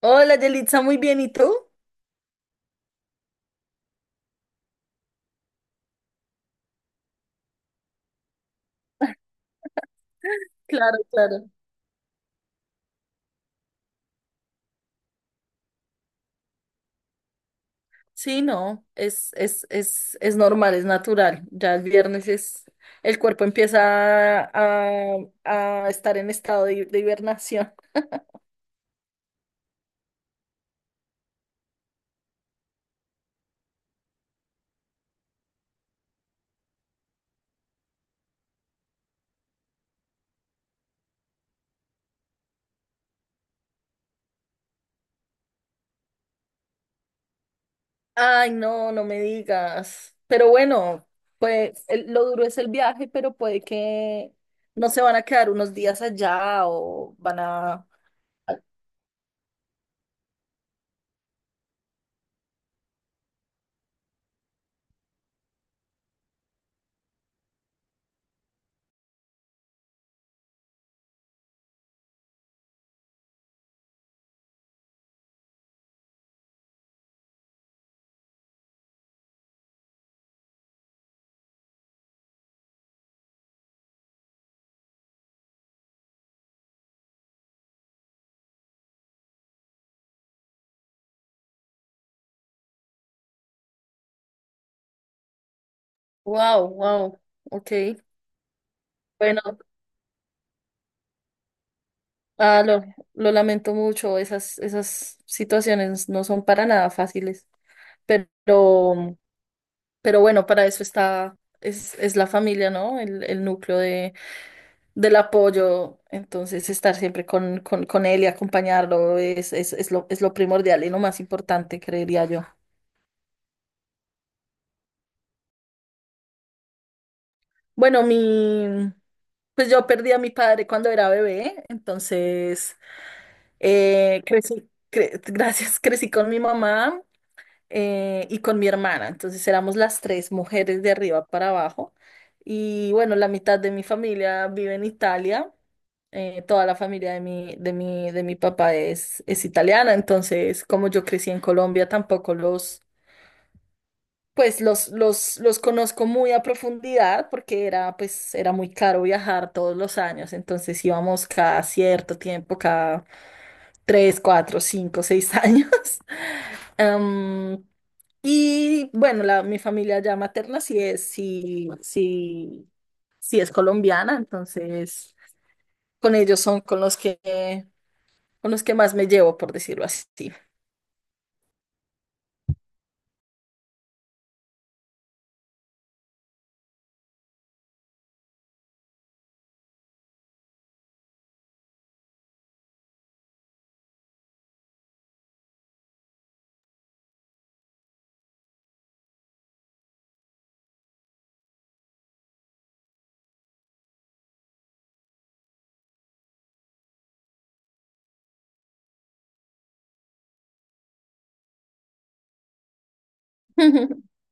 Hola, Yelitza, muy bien, ¿y tú? Claro, claro. Sí, no, es normal, es natural. Ya el viernes es, el cuerpo empieza a estar en estado de hibernación. Ay, no, no me digas. Pero bueno, pues lo duro es el viaje, pero puede que no se van a quedar unos días allá o van a... Wow, wow, ok. Bueno. Ah, lo lamento mucho, esas situaciones no son para nada fáciles, pero, pero bueno, para eso está, es la familia, ¿no? El núcleo de, del apoyo, entonces estar siempre con él y acompañarlo es lo primordial y lo más importante, creería yo. Bueno, mi, pues yo perdí a mi padre cuando era bebé, entonces gracias, crecí con mi mamá y con mi hermana. Entonces éramos las tres mujeres de arriba para abajo. Y bueno, la mitad de mi familia vive en Italia. Toda la familia de mi papá es italiana. Entonces, como yo crecí en Colombia, tampoco los, pues los conozco muy a profundidad porque era, pues, era muy caro viajar todos los años. Entonces íbamos cada cierto tiempo, cada tres, cuatro, cinco, seis años. Em, y bueno, la, mi familia ya materna sí es, sí es colombiana, entonces con ellos son con con los que más me llevo, por decirlo así.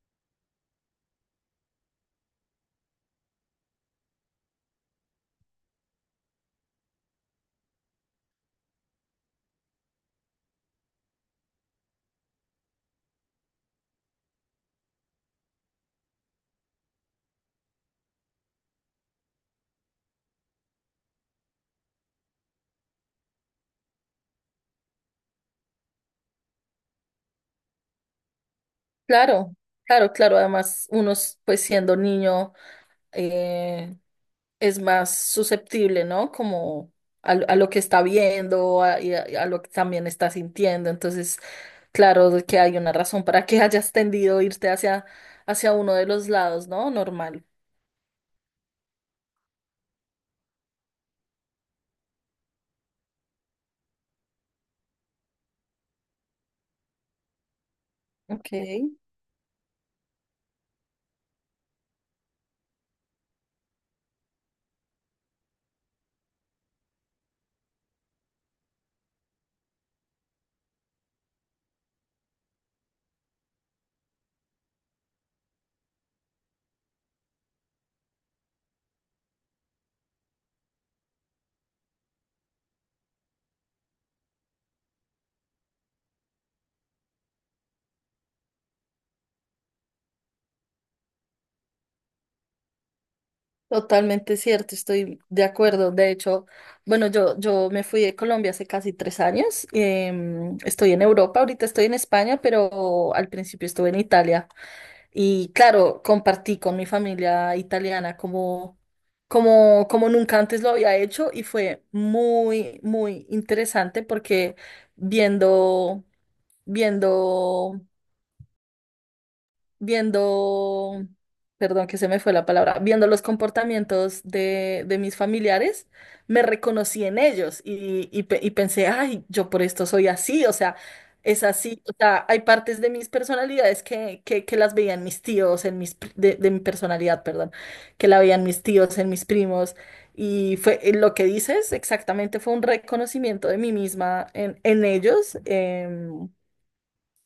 Claro, claro, claro. Además, pues siendo niño, eh, es más susceptible, ¿no? Como a lo que está viendo y a lo que también está sintiendo. Entonces, claro de que hay una razón para que hayas tendido a irte hacia uno de los lados, ¿no? Normal. Ok, totalmente cierto, estoy de acuerdo. De hecho, bueno, yo me fui de Colombia hace casi tres años. Estoy en Europa, ahorita estoy en España, pero al principio estuve en Italia. Y claro, compartí con mi familia italiana como nunca antes lo había hecho y fue muy, muy interesante porque viendo, viendo viendo, perdón que se me fue la palabra, viendo los comportamientos de mis familiares, me reconocí en ellos y, y pensé, ay, yo por esto soy así, o sea, es así, o sea, hay partes de mis personalidades que las veían mis tíos, en de mi personalidad, perdón, que la veían mis tíos, en mis primos. Y fue lo que dices, exactamente fue un reconocimiento de mí misma en ellos.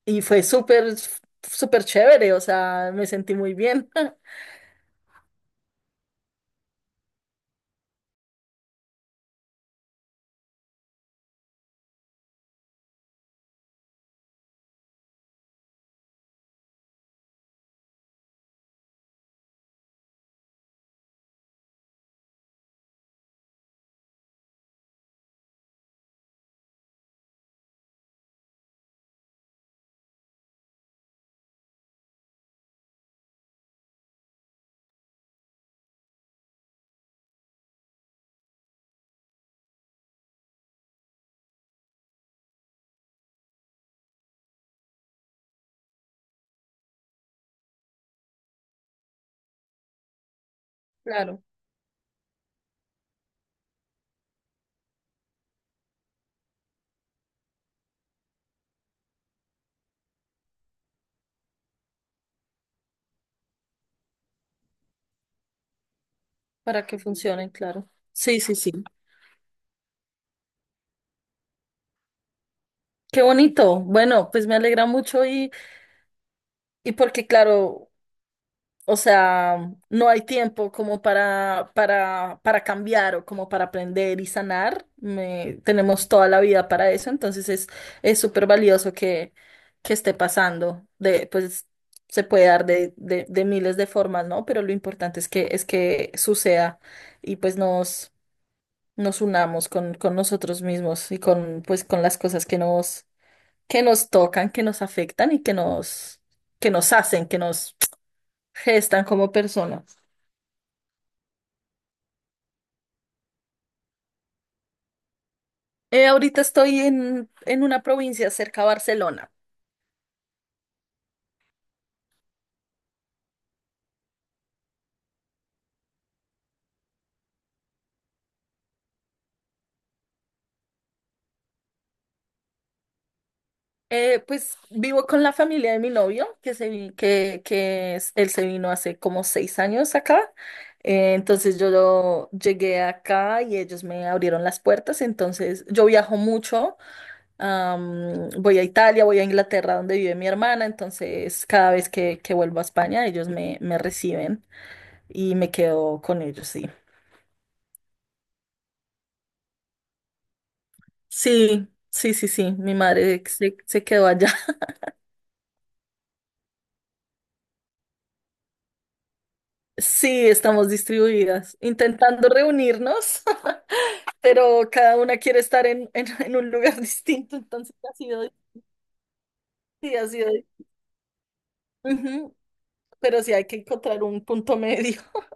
Y fue súper, súper chévere, o sea, me sentí muy bien. Claro, para que funcionen, claro. Sí, sí, sí. Qué bonito. Bueno, pues me alegra mucho y porque, claro, o sea, no hay tiempo como para, para cambiar o como para aprender y sanar. Me- tenemos toda la vida para eso, entonces es súper valioso que esté pasando. De, pues se puede dar de miles de formas, ¿no? Pero lo importante es que suceda y pues nos, nos unamos con nosotros mismos y con, pues, con las cosas que nos tocan, que nos afectan y que nos hacen, que nos gestan como personas. Ahorita estoy en una provincia cerca a Barcelona. Pues vivo con la familia de mi novio, que, se, vi- que es- él se vino hace como seis años acá. Entonces llegué acá y ellos me abrieron las puertas. Entonces yo viajo mucho. Voy a Italia, voy a Inglaterra, donde vive mi hermana. Entonces cada vez que vuelvo a España, me reciben y me quedo con ellos, sí. Sí, mi madre se, se quedó allá. Sí, estamos distribuidas, intentando reunirnos, pero cada una quiere estar en un lugar distinto, entonces ha sido, sí, ha sido, ujú, pero sí hay que encontrar un punto medio.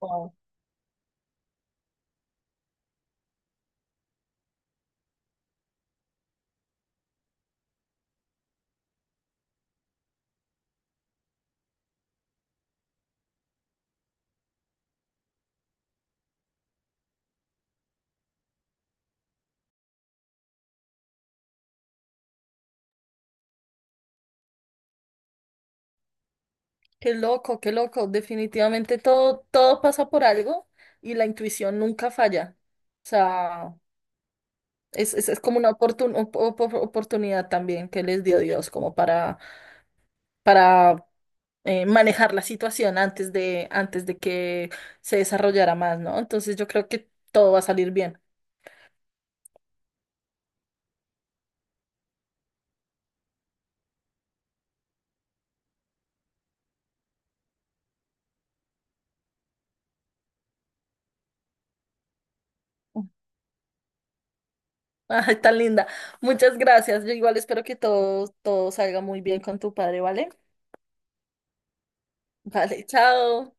Wow. Qué loco, definitivamente todo, todo pasa por algo y la intuición nunca falla. O sea, es como una oportunidad también que les dio Dios como para manejar la situación antes de que se desarrollara más, ¿no? Entonces yo creo que todo va a salir bien. Ay, tan linda. Muchas gracias. Yo igual espero que todo, todo salga muy bien con tu padre, ¿vale? Vale, chao.